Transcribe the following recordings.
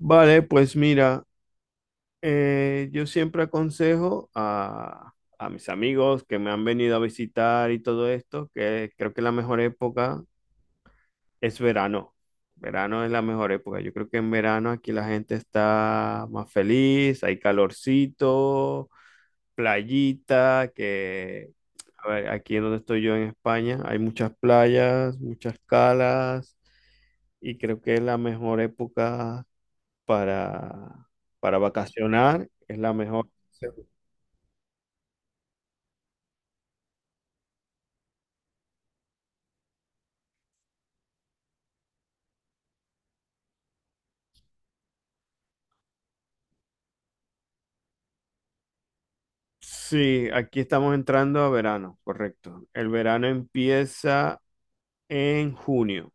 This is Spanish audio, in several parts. Vale, pues mira, yo siempre aconsejo a mis amigos que me han venido a visitar y todo esto, que creo que la mejor época es verano. Verano es la mejor época. Yo creo que en verano aquí la gente está más feliz, hay calorcito, playita, que a ver, aquí en donde estoy yo en España hay muchas playas, muchas calas y creo que es la mejor época para, para vacacionar, es la mejor. Sí, sí, aquí estamos entrando a verano, correcto. El verano empieza en junio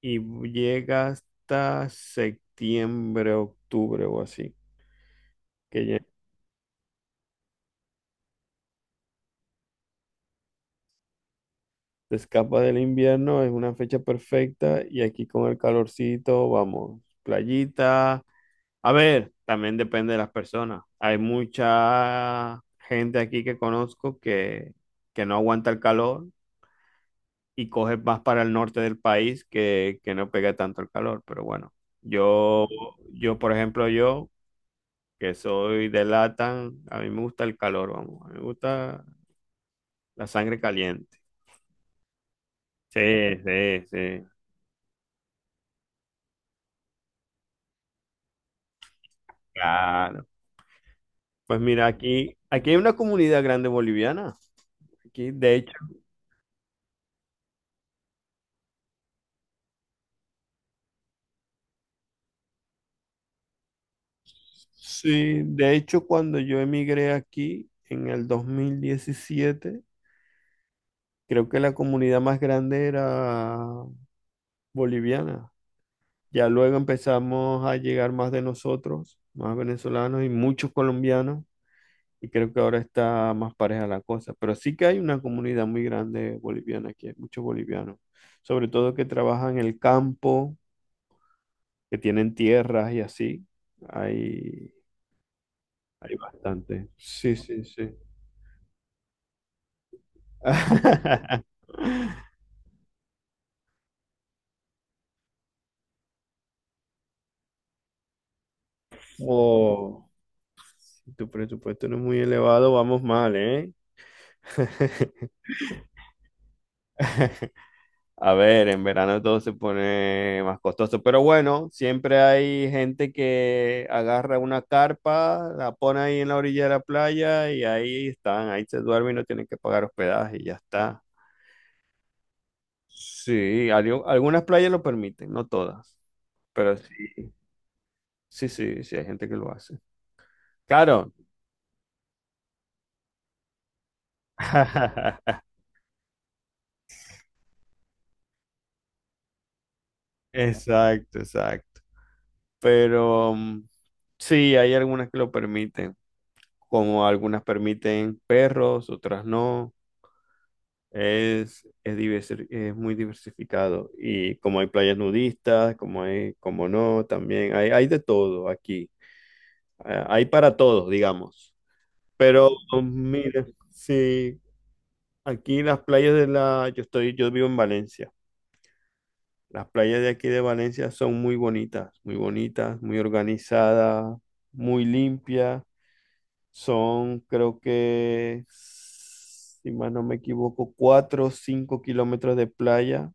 y llega hasta septiembre, octubre o así, que ya te escapa del invierno, es una fecha perfecta y aquí con el calorcito, vamos, playita. A ver, también depende de las personas. Hay mucha gente aquí que conozco que, no aguanta el calor y coges más para el norte del país que no pega tanto el calor. Pero bueno, yo, por ejemplo, yo que soy de Latam, a mí me gusta el calor, vamos, a mí me gusta la sangre caliente. Sí, sí, sí, claro. Pues mira, aquí hay una comunidad grande boliviana. Aquí, de hecho, sí, de hecho, cuando yo emigré aquí en el 2017, creo que la comunidad más grande era boliviana. Ya luego empezamos a llegar más de nosotros, más venezolanos y muchos colombianos, y creo que ahora está más pareja la cosa. Pero sí que hay una comunidad muy grande boliviana aquí, hay muchos bolivianos, sobre todo que trabajan en el campo, que tienen tierras y así. Hay, hay bastante. Sí, sí, sí. Oh, si tu presupuesto no es muy elevado, vamos mal, ¿eh? A ver, en verano todo se pone más costoso, pero bueno, siempre hay gente que agarra una carpa, la pone ahí en la orilla de la playa y ahí están, ahí se duermen y no tienen que pagar hospedaje y ya está. Sí, algunas playas lo permiten, no todas, pero sí, sí, sí, sí, hay gente que lo hace. Claro. Exacto, exacto. Pero sí, hay algunas que lo permiten, como algunas permiten perros, otras no. Es muy diversificado. Y como hay playas nudistas, como hay, como no, también hay de todo aquí. Ah, hay para todos, digamos. Pero mira, sí, aquí las playas de la, yo estoy, yo vivo en Valencia. Las playas de aquí de Valencia son muy bonitas, muy bonitas, muy organizadas, muy limpias. Son, creo que, si más no me equivoco, 4 o 5 kilómetros de playa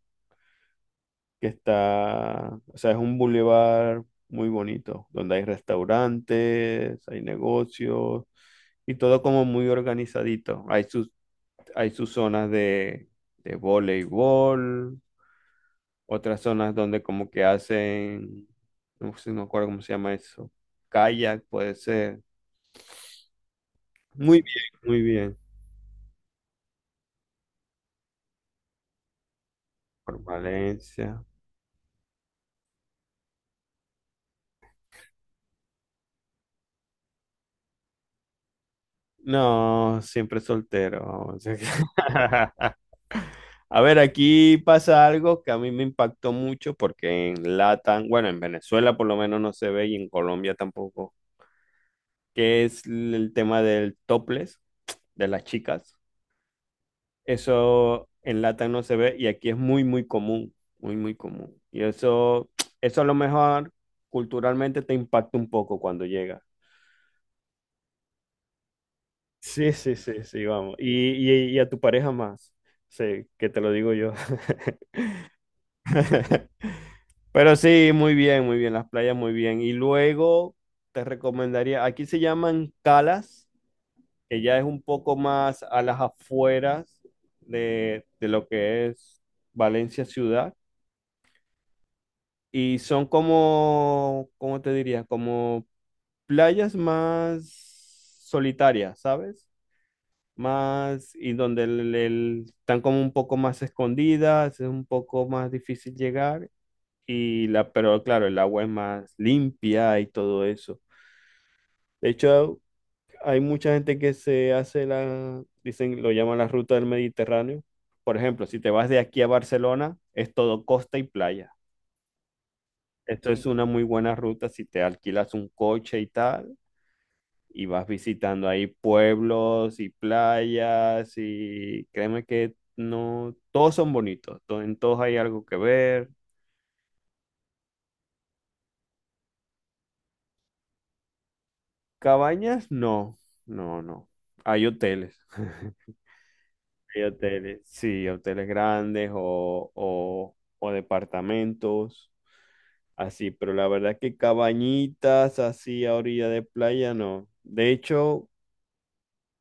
que está, o sea, es un bulevar muy bonito, donde hay restaurantes, hay negocios y todo como muy organizadito. Hay sus zonas de, voleibol, otras zonas donde como que hacen, no sé, no me acuerdo cómo se llama eso, kayak puede ser. Muy bien, muy bien. Por Valencia. No, siempre soltero, vamos. A ver, aquí pasa algo que a mí me impactó mucho porque en Latam, bueno, en Venezuela por lo menos no se ve y en Colombia tampoco, que es el tema del topless de las chicas. Eso en Latam no se ve y aquí es muy, muy común, muy, muy común. Y eso a lo mejor culturalmente te impacta un poco cuando llega. Sí, sí, sí, sí, vamos. Y a tu pareja más, sí, que te lo digo yo. Pero sí, muy bien, las playas muy bien. Y luego te recomendaría, aquí se llaman calas, que ya es un poco más a las afueras de lo que es Valencia ciudad. Y son como, ¿cómo te diría? Como playas más solitarias, ¿sabes? Más, y donde están como un poco más escondidas, es un poco más difícil llegar. Pero claro, el agua es más limpia y todo eso. De hecho, hay mucha gente que se hace la, dicen, lo llaman la ruta del Mediterráneo. Por ejemplo, si te vas de aquí a Barcelona, es todo costa y playa. Esto es una muy buena ruta si te alquilas un coche y tal, y vas visitando ahí pueblos y playas, y créeme que no, todos son bonitos, en todos hay algo que ver. Cabañas, no, no, no. Hay hoteles. Hay hoteles, sí, hoteles grandes o departamentos, así, pero la verdad que cabañitas así a orilla de playa no. De hecho,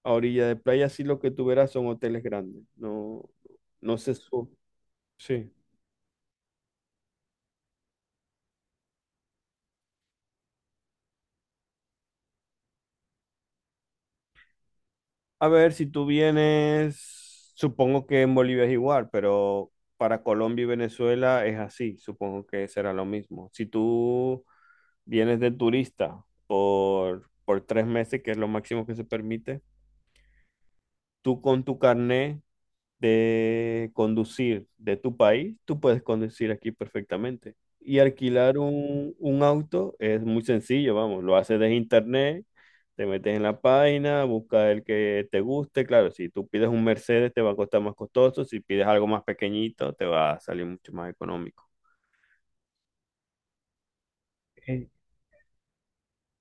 a orilla de playa sí lo que tú verás son hoteles grandes, no, no se sube. A ver, si tú vienes, supongo que en Bolivia es igual, pero para Colombia y Venezuela es así, supongo que será lo mismo. Si tú vienes de turista por 3 meses, que es lo máximo que se permite, tú con tu carné de conducir de tu país, tú puedes conducir aquí perfectamente. Y alquilar un auto es muy sencillo, vamos, lo haces desde internet, te metes en la página, buscas el que te guste. Claro, si tú pides un Mercedes te va a costar más costoso, si pides algo más pequeñito te va a salir mucho más económico. Eh,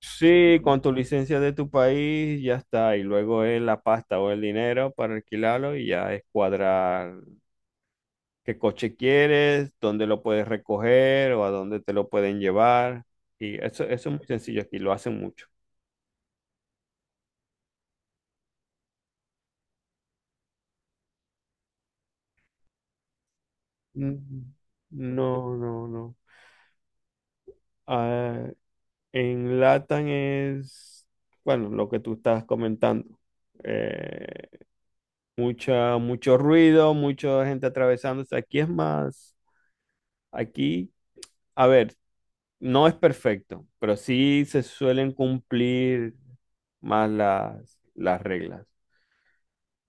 Sí, con tu licencia de tu país ya está, y luego es la pasta o el dinero para alquilarlo y ya es cuadrar qué coche quieres, dónde lo puedes recoger o a dónde te lo pueden llevar. Y eso es muy sencillo aquí, lo hacen mucho. Mm, no, no, no. Ah, en Latam es, bueno, lo que tú estás comentando. Eh, mucho ruido, mucha gente atravesándose. Aquí es más, aquí, a ver, no es perfecto, pero sí se suelen cumplir más las reglas.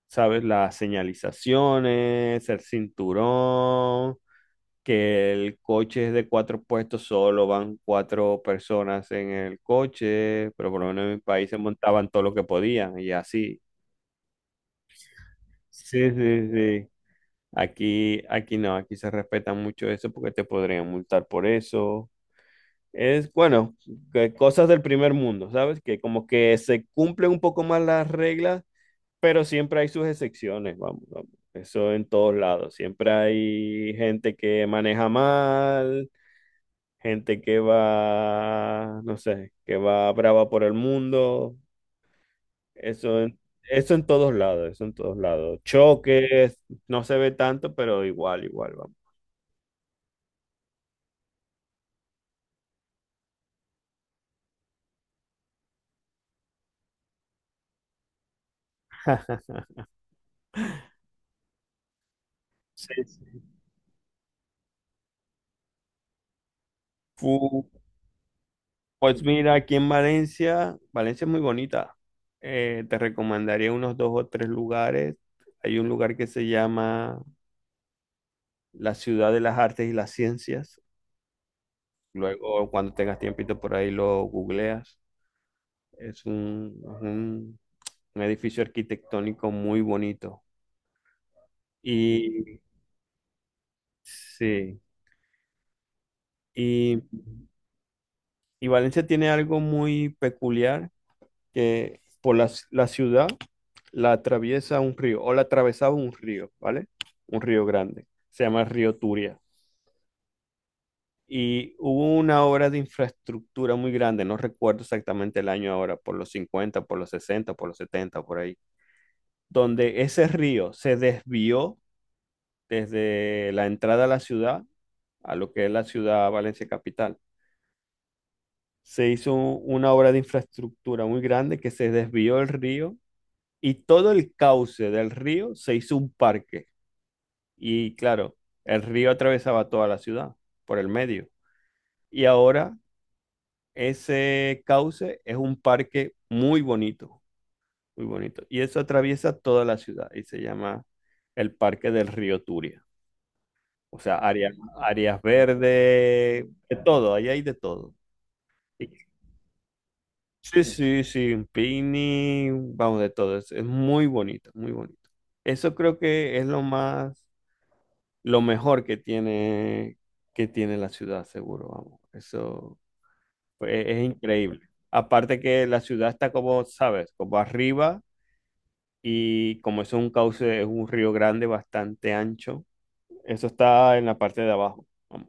¿Sabes? Las señalizaciones, el cinturón, que el coche es de cuatro puestos, solo van cuatro personas en el coche, pero por lo menos en mi país se montaban todo lo que podían y así. Sí, sí, sí. Aquí no, aquí se respeta mucho eso porque te podrían multar por eso. Es, bueno, que cosas del primer mundo, ¿sabes? Que como que se cumplen un poco más las reglas. Pero siempre hay sus excepciones, vamos, vamos. Eso en todos lados. Siempre hay gente que maneja mal, gente que va, no sé, que va brava por el mundo. Eso en, eso en todos lados, eso en todos lados. Choques, no se ve tanto, pero igual, igual, vamos. Sí, sí. Fu- Pues mira, aquí en Valencia, Valencia es muy bonita. Te recomendaría unos dos o tres lugares. Hay un lugar que se llama La ciudad de las artes y las ciencias. Luego, cuando tengas tiempito por ahí, lo googleas. Es un, es un, un edificio arquitectónico muy bonito. Y sí, y, y Valencia tiene algo muy peculiar que por la, la ciudad la atraviesa un río, o la atravesaba un río, ¿vale? Un río grande. Se llama el río Turia. Y hubo una obra de infraestructura muy grande, no recuerdo exactamente el año ahora, por los 50 por los 60 por los 70 por ahí, donde ese río se desvió desde la entrada a la ciudad, a lo que es la ciudad Valencia Capital. Se hizo una obra de infraestructura muy grande que se desvió el río y todo el cauce del río se hizo un parque. Y claro, el río atravesaba toda la ciudad por el medio. Y ahora ese cauce es un parque muy bonito, muy bonito. Y eso atraviesa toda la ciudad y se llama el Parque del Río Turia. O sea, áreas, áreas verdes, de todo, ahí hay de todo. Y- Sí, sí, sí, un picnic, vamos, de todo. Es muy bonito, muy bonito. Eso creo que es lo más, lo mejor que tiene la ciudad, seguro, vamos. Eso. Es increíble. Aparte que la ciudad está como, ¿sabes? Como arriba y como es un cauce, es un río grande bastante ancho. Eso está en la parte de abajo, vamos.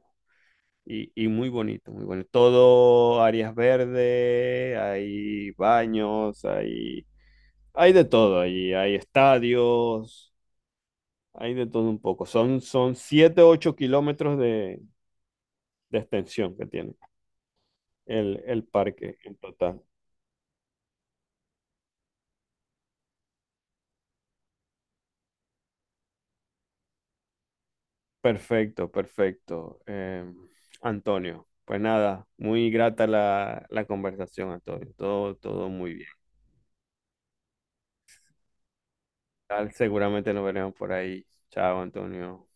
Y muy bonito, muy bonito. Todo áreas verdes, hay baños, hay de todo allí. Hay estadios, hay de todo un poco. Son, son 7 8 kilómetros de extensión que tiene el parque en total. Perfecto, perfecto. Antonio, pues nada, muy grata la conversación, Antonio. Todo, todo muy bien. Tal, seguramente nos veremos por ahí. Chao, Antonio.